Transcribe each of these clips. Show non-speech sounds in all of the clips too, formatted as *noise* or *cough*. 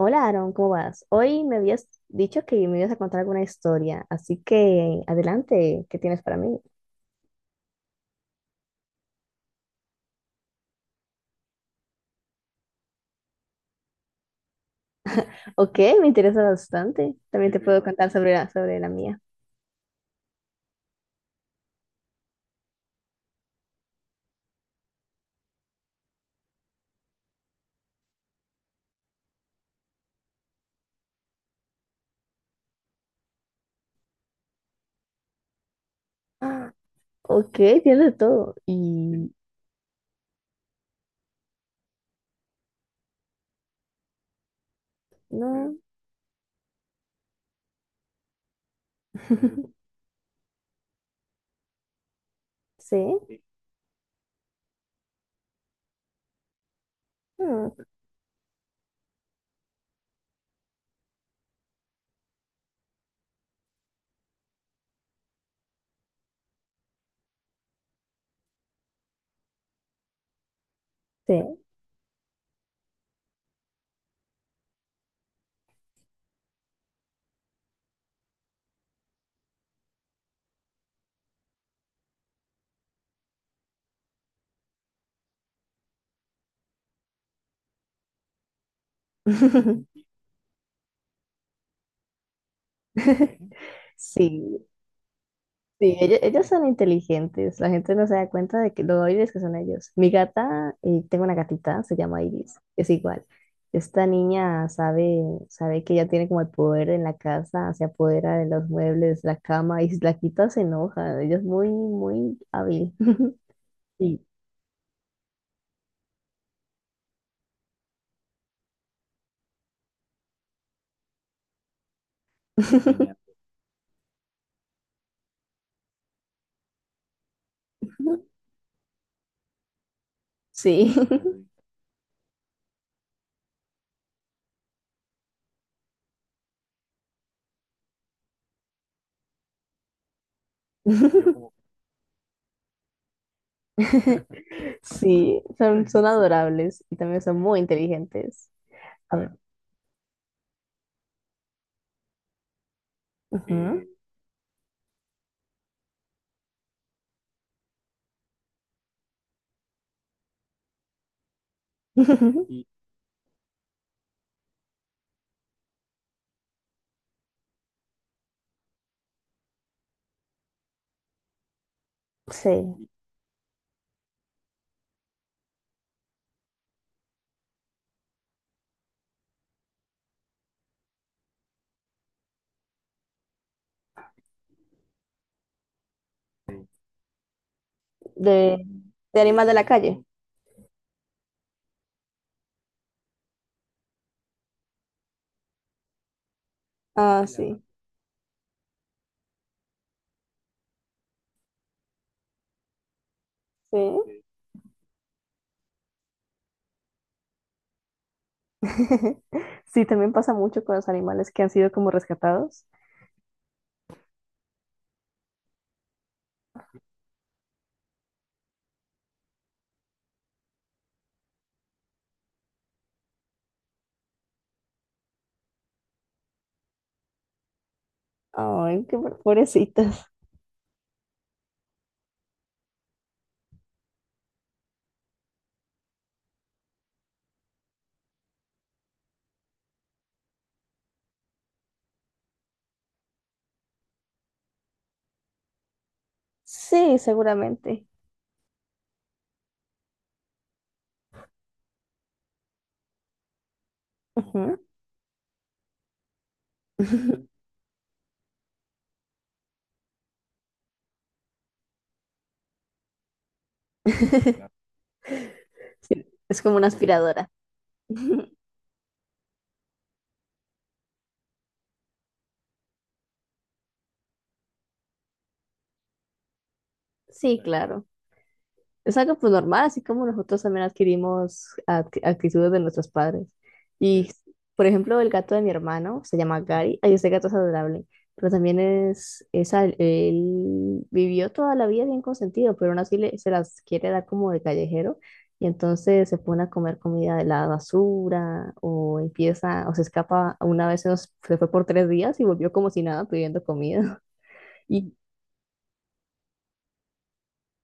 Hola Aaron, ¿cómo vas? Hoy me habías dicho que me ibas a contar alguna historia, así que adelante, ¿qué tienes para mí? Ok, me interesa bastante. También te puedo contar sobre sobre la mía. Ah, ok, tienes de todo. Y no, *laughs* sí, ah, sí. *laughs* Sí, *laughs* Sí, ellos son inteligentes, la gente no se da cuenta de que lo hábiles que son ellos. Mi gata, tengo una gatita, se llama Iris, es igual. Esta niña sabe que ella tiene como el poder en la casa, se apodera de los muebles, la cama, y si la quita se enoja. Ella es muy, muy hábil. *laughs* Sí. Genial. *laughs* Sí. *laughs* Sí, son adorables y también son muy inteligentes. A ver. Bueno, ujú. *laughs* Sí. De, de animales de la calle. Ah, claro. Sí, sí. *laughs* Sí. Sí, también pasa mucho con los animales que han sido como rescatados. Ay, qué pobrecitos. Sí, seguramente. Ujú. *laughs* Claro. Sí, es como una aspiradora. *laughs* Sí, claro, claro. Es algo pues normal, así como nosotros también adquirimos actitudes de nuestros padres. Y, por ejemplo, el gato de mi hermano se llama Gary. Ay, ese gato es adorable, pero también es él vivió toda la vida bien consentido, pero aún así se las quiere dar como de callejero y entonces se pone a comer comida de la basura o empieza o se escapa. Una vez se fue por 3 días y volvió como si nada pidiendo comida. *laughs* Y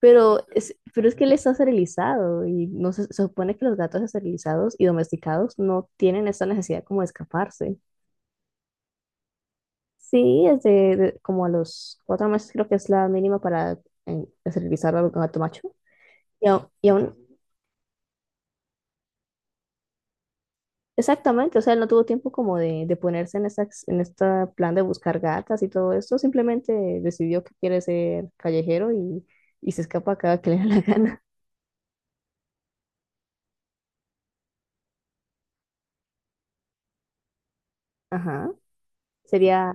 pero es que él está esterilizado y no se supone que los gatos esterilizados y domesticados no tienen esta necesidad como de escaparse. Sí, es como a los 4 meses creo que es la mínima para esterilizar al gato macho. Y aún, exactamente, o sea, él no tuvo tiempo como de ponerse en en este plan de buscar gatas y todo esto, simplemente decidió que quiere ser callejero y se escapa cada que le da la gana. Ajá, sería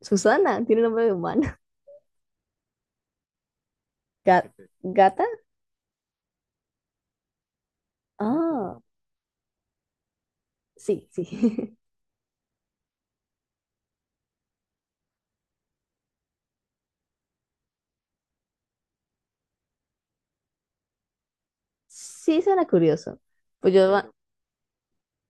Susana, tiene nombre de humana. Ga- Gata. Ah, sí, sí. *laughs* Sí suena curioso. Pues yo, ah,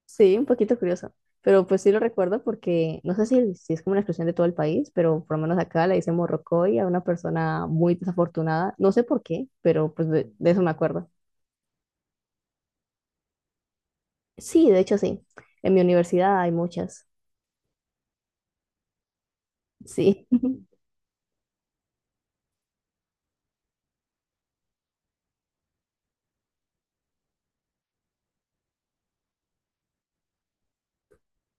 sí, un poquito curioso. Pero pues sí lo recuerdo porque no sé si es como una expresión de todo el país, pero por lo menos acá le dicen morrocoy a una persona muy desafortunada. No sé por qué, pero pues de eso me acuerdo. Sí, de hecho sí. En mi universidad hay muchas. Sí. *laughs*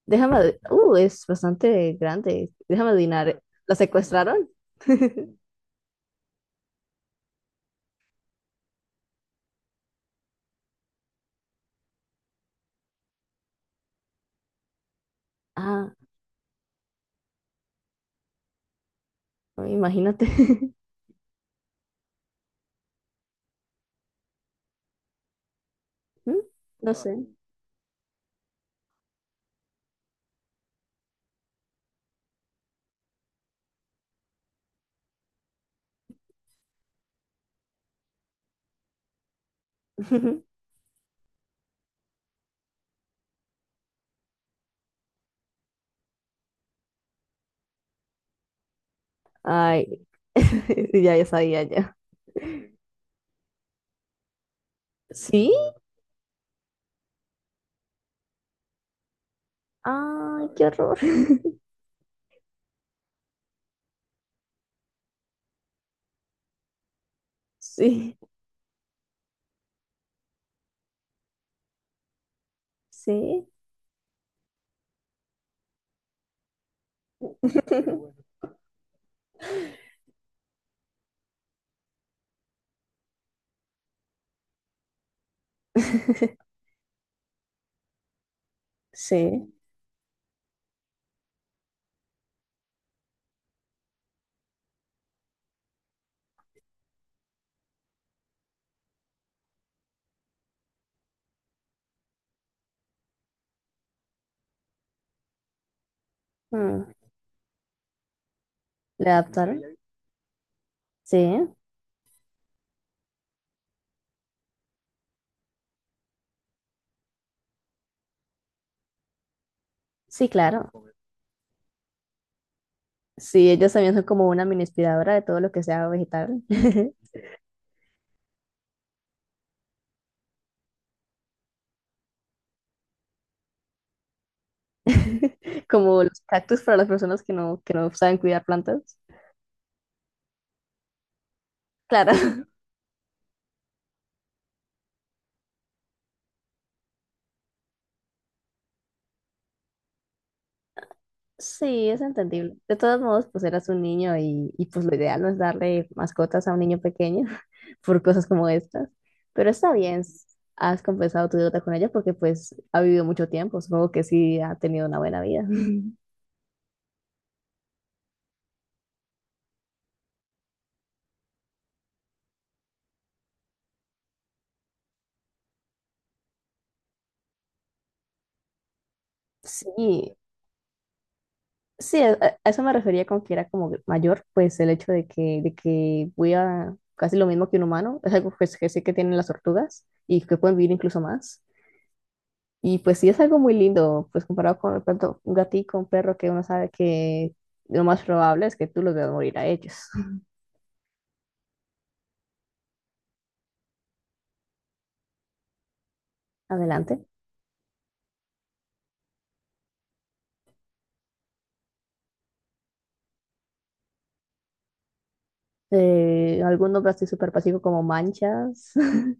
Es bastante grande. Déjame adivinar. ¿La secuestraron? *laughs* Ah, imagínate. *laughs* ¿Mm? No sé. *laughs* Ay, *laughs* ya, ya sabía ya. ¿Sí? Ay, qué horror. *laughs* Sí, sí, *laughs* sí. Mm, ¿Le adaptaron? Sí, sí, claro. Sí, ellos también son como una mini aspiradora de todo lo que sea vegetal. *laughs* Como los cactus para las personas que no saben cuidar plantas. Claro. Sí, es entendible. De todos modos, pues eras un niño y pues lo ideal no es darle mascotas a un niño pequeño *laughs* por cosas como estas. Pero está bien, has compensado tu deuda con ella porque pues ha vivido mucho tiempo. Supongo que sí ha tenido una buena vida. *laughs* Sí, sí, a eso me refería con que era como mayor, pues el hecho de que, voy a casi lo mismo que un humano, es algo pues, que sé que tienen las tortugas y que pueden vivir incluso más. Y pues sí es algo muy lindo, pues comparado con de pronto, un gatito, un perro que uno sabe que lo más probable es que tú los veas morir a ellos. *laughs* Adelante. Algún nombre así súper pasivo como manchas. *laughs*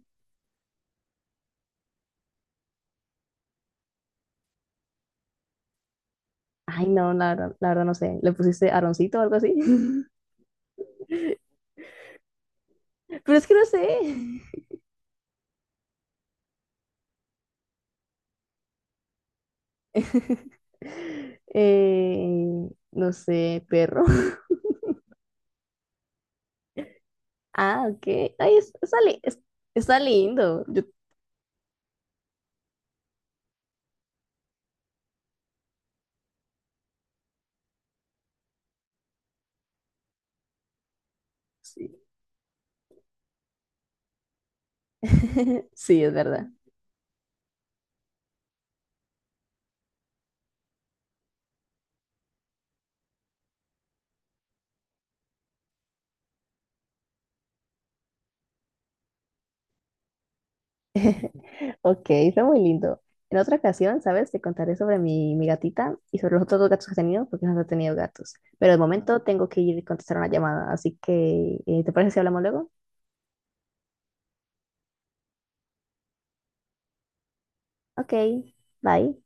Ay, no, la verdad no sé. ¿Le pusiste Aroncito o algo así? *laughs* Pero es que no sé. *laughs* Eh, no sé, perro. *laughs* Ah, ok. Ay, está lindo. Sí. *laughs* Sí, es verdad. Ok, está muy lindo. En otra ocasión, ¿sabes? Te contaré sobre mi gatita y sobre los otros dos gatos que he tenido, porque no he tenido gatos. Pero de momento tengo que ir a contestar una llamada, así que, ¿te parece si hablamos luego? Ok, bye.